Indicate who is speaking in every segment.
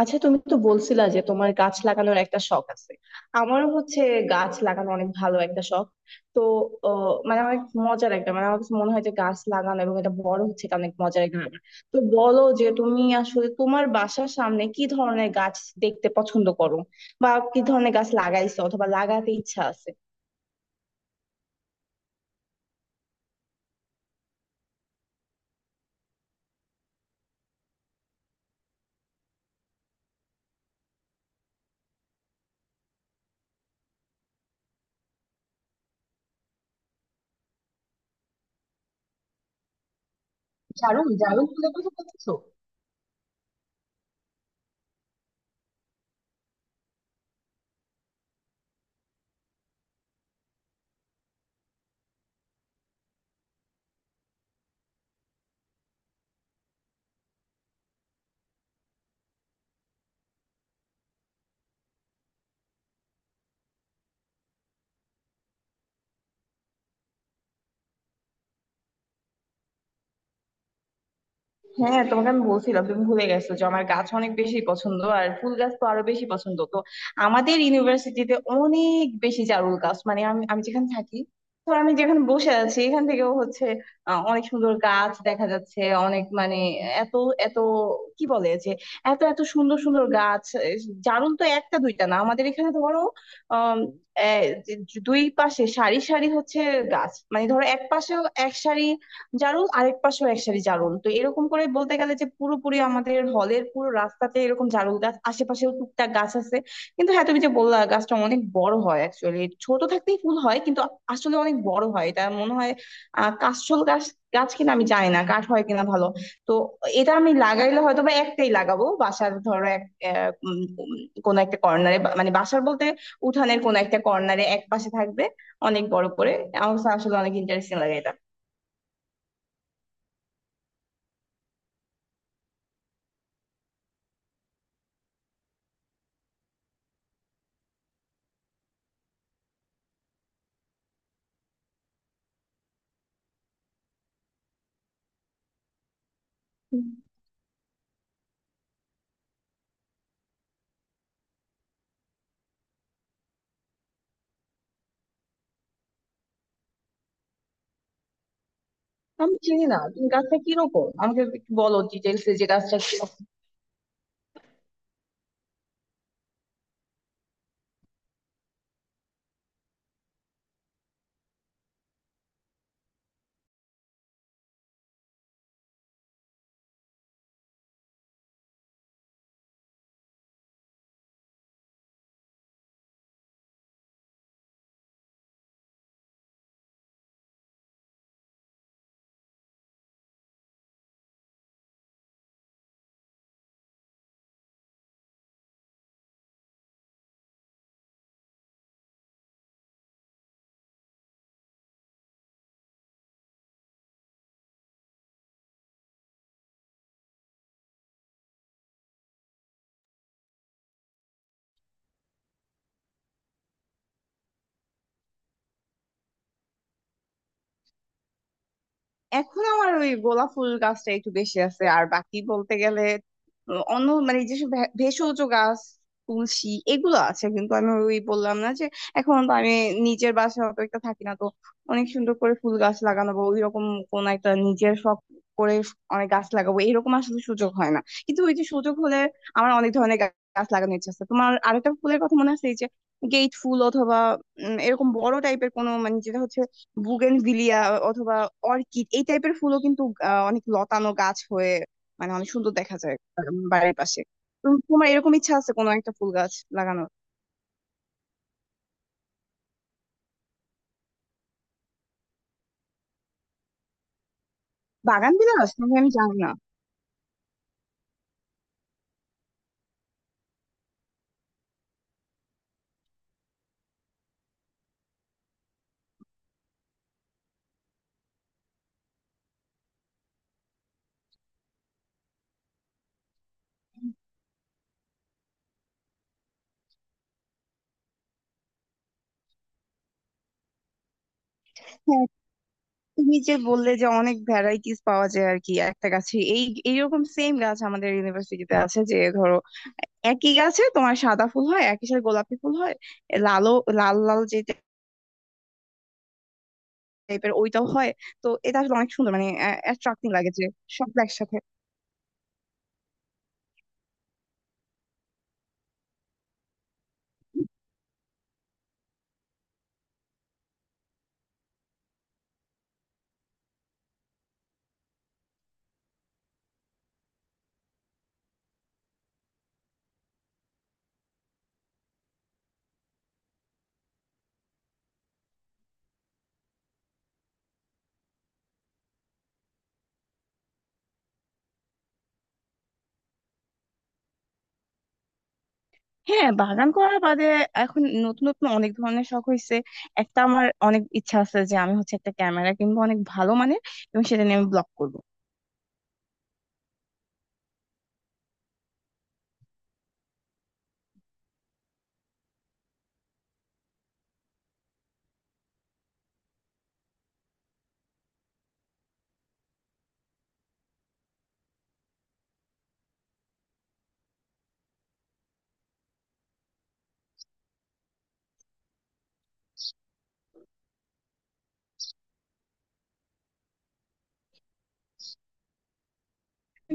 Speaker 1: আচ্ছা, তুমি তো বলছিলা যে তোমার গাছ লাগানোর একটা শখ আছে। আমারও হচ্ছে। গাছ লাগানো অনেক ভালো একটা শখ। তো মানে অনেক মজার একটা, মানে আমার কাছে মনে হয় যে গাছ লাগানো এবং এটা বড় হচ্ছে, এটা অনেক মজার একটা ব্যাপার। তো বলো যে তুমি আসলে তোমার বাসার সামনে কি ধরনের গাছ দেখতে পছন্দ করো, বা কি ধরনের গাছ লাগাইছো অথবা লাগাতে ইচ্ছা আছে। জারুল? জারুল ফুলের কথা বলছো? হ্যাঁ, তোমাকে আমি বলছিলাম তুমি ভুলে গেছো যে আমার গাছ অনেক বেশি পছন্দ, আর ফুল গাছ তো আরো বেশি পছন্দ। তো আমাদের ইউনিভার্সিটিতে অনেক বেশি জারুল গাছ, মানে আমি আমি যেখানে থাকি। তো আমি যেখানে বসে আছি এখান থেকেও হচ্ছে অনেক সুন্দর গাছ দেখা যাচ্ছে। অনেক মানে এত এত, কি বলে যে এত এত সুন্দর সুন্দর গাছ জারুল তো একটা দুইটা না, আমাদের এখানে ধরো আহ দুই পাশে সারি সারি হচ্ছে গাছ, মানে ধরো এক পাশে এক সারি জারুল, আরেক পাশেও এক সারি জারুল। তো এরকম করে বলতে গেলে যে পুরোপুরি আমাদের হলের পুরো রাস্তাতে এরকম জারুল গাছ, আশেপাশেও টুকটাক গাছ আছে। কিন্তু হ্যাঁ, তুমি যে বললা গাছটা অনেক বড় হয়, অ্যাকচুয়ালি ছোট থাকতেই ফুল হয়, কিন্তু আসলে অনেক বড় হয় এটা মনে হয়। কাশফুল গাছ, গাছ কিনা আমি জানি না, কাঠ হয় কিনা ভালো। তো এটা আমি লাগাইলে হয়তো বা একটাই লাগাবো, বাসার ধরো এক আহ, উম, উম, কোনো একটা কর্নারে, মানে বাসার বলতে উঠানের কোনো একটা কর্নারে এক পাশে থাকবে অনেক বড় করে। আমার কাছে আসলে অনেক ইন্টারেস্টিং লাগে এটা। আমি চিনি না, তুমি গাছটা কিরকম আমাকে একটু বলো ডিটেলস, যে গাছটা কিরকম। এখন আমার ওই গোলাপ ফুল গাছটা একটু বেশি আছে। আর বাকি বলতে গেলে অন্য মানে যেসব ভেষজ গাছ, তুলসী, এগুলো আছে। কিন্তু আমি ওই বললাম না যে এখন তো আমি নিজের বাসায় অত একটা থাকি না, তো অনেক সুন্দর করে ফুল গাছ লাগানো বা ওই রকম কোন একটা নিজের শখ করে অনেক গাছ লাগাবো, এরকম আসলে সুযোগ হয় না। কিন্তু ওই যে সুযোগ হলে আমার অনেক ধরনের গাছ লাগানোর ইচ্ছা আছে। তোমার আরেকটা ফুলের কথা মনে আছে, এই যে গেট ফুল, অথবা এরকম বড় টাইপের কোনো, মানে যেটা হচ্ছে বুগেনভিলিয়া অথবা অর্কিড, এই টাইপের ফুলও কিন্তু অনেক লতানো গাছ হয়ে মানে অনেক সুন্দর দেখা যায় বাড়ির পাশে। তো তোমার এরকম ইচ্ছা আছে কোনো একটা ফুল গাছ লাগানোর? বাগান বিলাস নাকি, আমি জানি না। হ্যাঁ, তুমি যে বললে যে অনেক ভ্যারাইটিস পাওয়া যায় আর কি একটা গাছে, এইরকম সেম গাছ আমাদের ইউনিভার্সিটিতে আছে, যে ধরো একই গাছে তোমার সাদা ফুল হয়, একই সাথে গোলাপি ফুল হয়, লালও, লাল লাল যে টাইপের, ওইটাও হয়। তো এটা আসলে অনেক সুন্দর, মানে অ্যাট্রাক্টিং লাগে যে সব একসাথে। হ্যাঁ, বাগান করা বাদে এখন নতুন নতুন অনেক ধরনের শখ হয়েছে। একটা, আমার অনেক ইচ্ছা আছে যে আমি হচ্ছে একটা ক্যামেরা কিনবো অনেক ভালো মানের, এবং সেটা নিয়ে আমি ব্লগ করবো।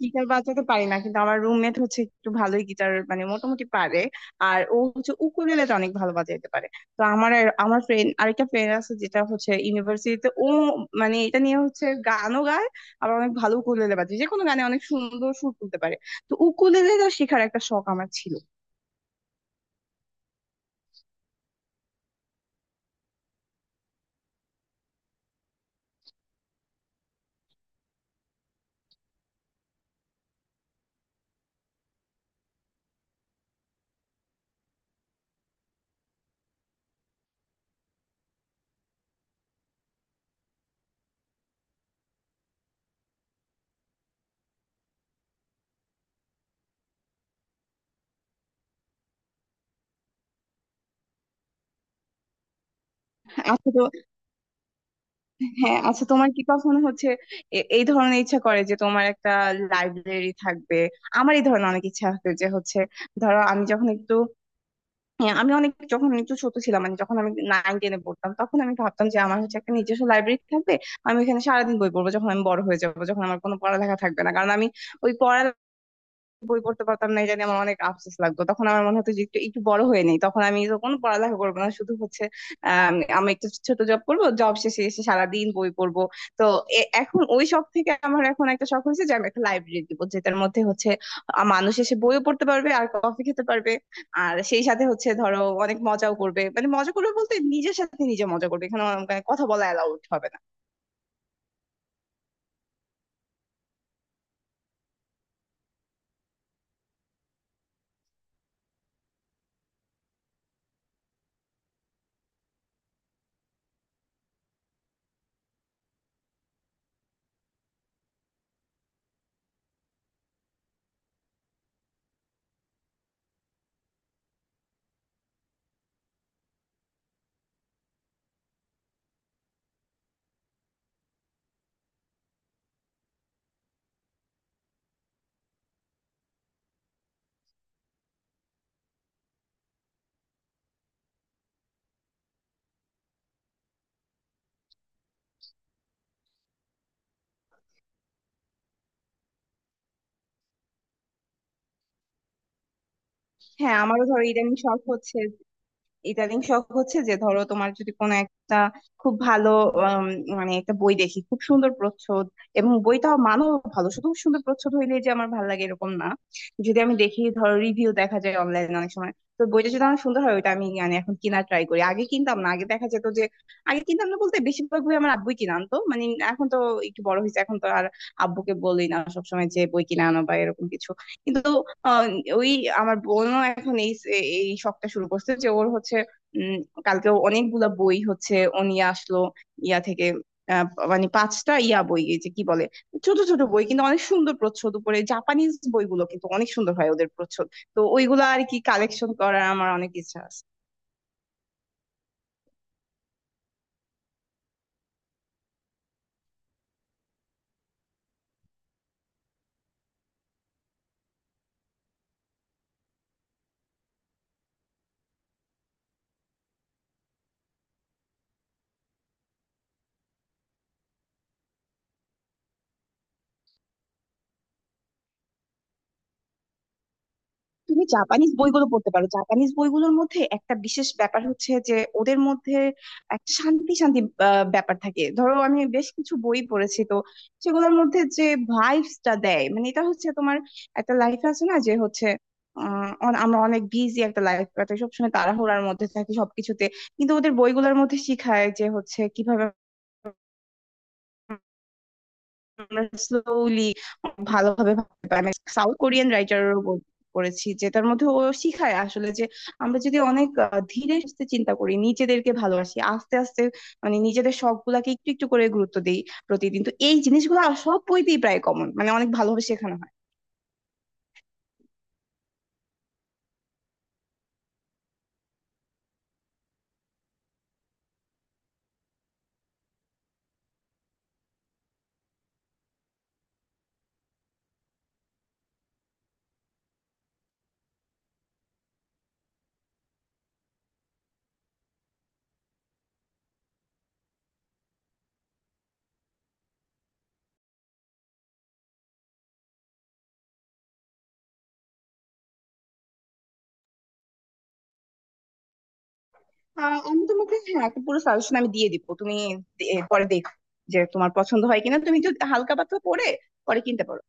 Speaker 1: গিটার বাজাতে পারি না, কিন্তু আমার রুমমেট হচ্ছে একটু ভালোই গিটার মানে মোটামুটি পারে। আর ও হচ্ছে উকুলেলেটা অনেক ভালো বাজাইতে পারে। তো আমার ফ্রেন্ড, আরেকটা ফ্রেন্ড আছে যেটা হচ্ছে ইউনিভার্সিটিতে, ও মানে এটা নিয়ে হচ্ছে গানও গায়, আবার অনেক ভালো উকুলেলে বাজায়, যে কোনো গানে অনেক সুন্দর সুর তুলতে পারে। তো উকুলেলেটা শেখার একটা শখ আমার ছিল। আচ্ছা তো, হ্যাঁ, আচ্ছা তোমার কি কখনো হচ্ছে এই ধরনের ইচ্ছা করে যে তোমার একটা লাইব্রেরি থাকবে? আমার এই ধরনের অনেক ইচ্ছা আছে যে হচ্ছে, ধরো আমি যখন একটু, হ্যাঁ, আমি অনেক যখন একটু ছোট ছিলাম, মানে যখন আমি নাইন টেনে পড়তাম, তখন আমি ভাবতাম যে আমার হচ্ছে একটা নিজস্ব লাইব্রেরি থাকবে। আমি এখানে সারাদিন বই পড়বো যখন আমি বড় হয়ে যাবো, যখন আমার কোনো পড়ালেখা থাকবে না, কারণ আমি ওই পড়া, বই পড়তে পারতাম না, এটা নিয়ে আমার অনেক আফসোস লাগতো। তখন আমার মনে হতো যে একটু একটু বড় হয়ে নেই, তখন আমি তখন পড়ালেখা করবো না, শুধু হচ্ছে আম, আমি একটু ছোট জব করবো, জব শেষে এসে সারাদিন বই পড়বো। তো এখন ওই শখ থেকে আমার এখন একটা শখ হয়েছে যে আমি একটা লাইব্রেরি দিব, যেটার মধ্যে হচ্ছে মানুষ এসে বইও পড়তে পারবে আর কফি খেতে পারবে, আর সেই সাথে হচ্ছে ধরো অনেক মজাও করবে, মানে মজা করবে বলতে নিজের সাথে নিজে মজা করবে, এখানে আমার মানে কথা বলা অ্যালাউড হবে না। হ্যাঁ, আমারও ধরো ইদানিং শখ হচ্ছে, যে ধরো তোমার যদি কোনো একটা খুব ভালো আম, মানে একটা বই দেখি খুব সুন্দর প্রচ্ছদ, এবং বইটাও মানও ভালো, শুধু সুন্দর প্রচ্ছদ হইলে যে আমার ভালো লাগে এরকম না। যদি আমি দেখি, ধরো রিভিউ দেখা যায় অনলাইনে অনেক সময়, তো বইটা যদি আমার সুন্দর হয় ওইটা আমি মানে এখন কিনা ট্রাই করি। আগে কিনতাম না, আগে দেখা যেত যে, আগে কিনতাম না বলতে বেশিরভাগ বই আমার আব্বুই কিনে আনতো মানে। এখন তো একটু বড় হয়েছে, এখন তো আর আব্বুকে বলি না সবসময় যে বই কিনে আনো বা এরকম কিছু। কিন্তু আহ, ওই আমার বোনও এখন এই এই শখটা শুরু করছে যে ওর হচ্ছে উম কালকেও অনেকগুলা বই হচ্ছে ও নিয়ে আসলো ইয়া থেকে, আহ, মানে পাঁচটা ইয়া বই, এই যে কি বলে, ছোট ছোট বই কিন্তু অনেক সুন্দর প্রচ্ছদ উপরে। জাপানিজ বইগুলো কিন্তু অনেক সুন্দর হয় ওদের প্রচ্ছদ। তো ওইগুলো আর কি কালেকশন করার আমার অনেক ইচ্ছা আছে। তুমি জাপানিজ বইগুলো পড়তে পারো। জাপানিজ বইগুলোর মধ্যে একটা বিশেষ ব্যাপার হচ্ছে যে ওদের মধ্যে একটা শান্তি শান্তি ব্যাপার থাকে। ধরো আমি বেশ কিছু বই পড়েছি, তো সেগুলোর মধ্যে যে ভাইবসটা দেয়, মানে এটা হচ্ছে তোমার একটা লাইফ আছে না, যে হচ্ছে আমরা অনেক বিজি একটা লাইফ কাটাই, সবসময় তাড়াহুড়ার মধ্যে থাকি সবকিছুতে। কিন্তু ওদের বইগুলোর মধ্যে শিখায় যে হচ্ছে কিভাবে আমরা স্লোলি ভালোভাবে ভাবতে পারি। সাউথ কোরিয়ান রাইটারেরও বই পড়েছি, যেটার মধ্যে ও শিখায় আসলে যে আমরা যদি অনেক ধীরে সুস্থে চিন্তা করি, নিজেদেরকে ভালোবাসি আস্তে আস্তে, মানে নিজেদের শখ গুলাকে একটু একটু করে গুরুত্ব দিই প্রতিদিন, তো এই জিনিসগুলো আর সব বইতেই প্রায় কমন, মানে অনেক ভালোভাবে শেখানো হয়। আমি তোমাকে, হ্যাঁ, একটা পুরো সাজেশন আমি দিয়ে দিব, তুমি পরে দেখো যে তোমার পছন্দ হয় কিনা, তুমি একটু হালকা পাতলা পড়ে পরে কিনতে পারো।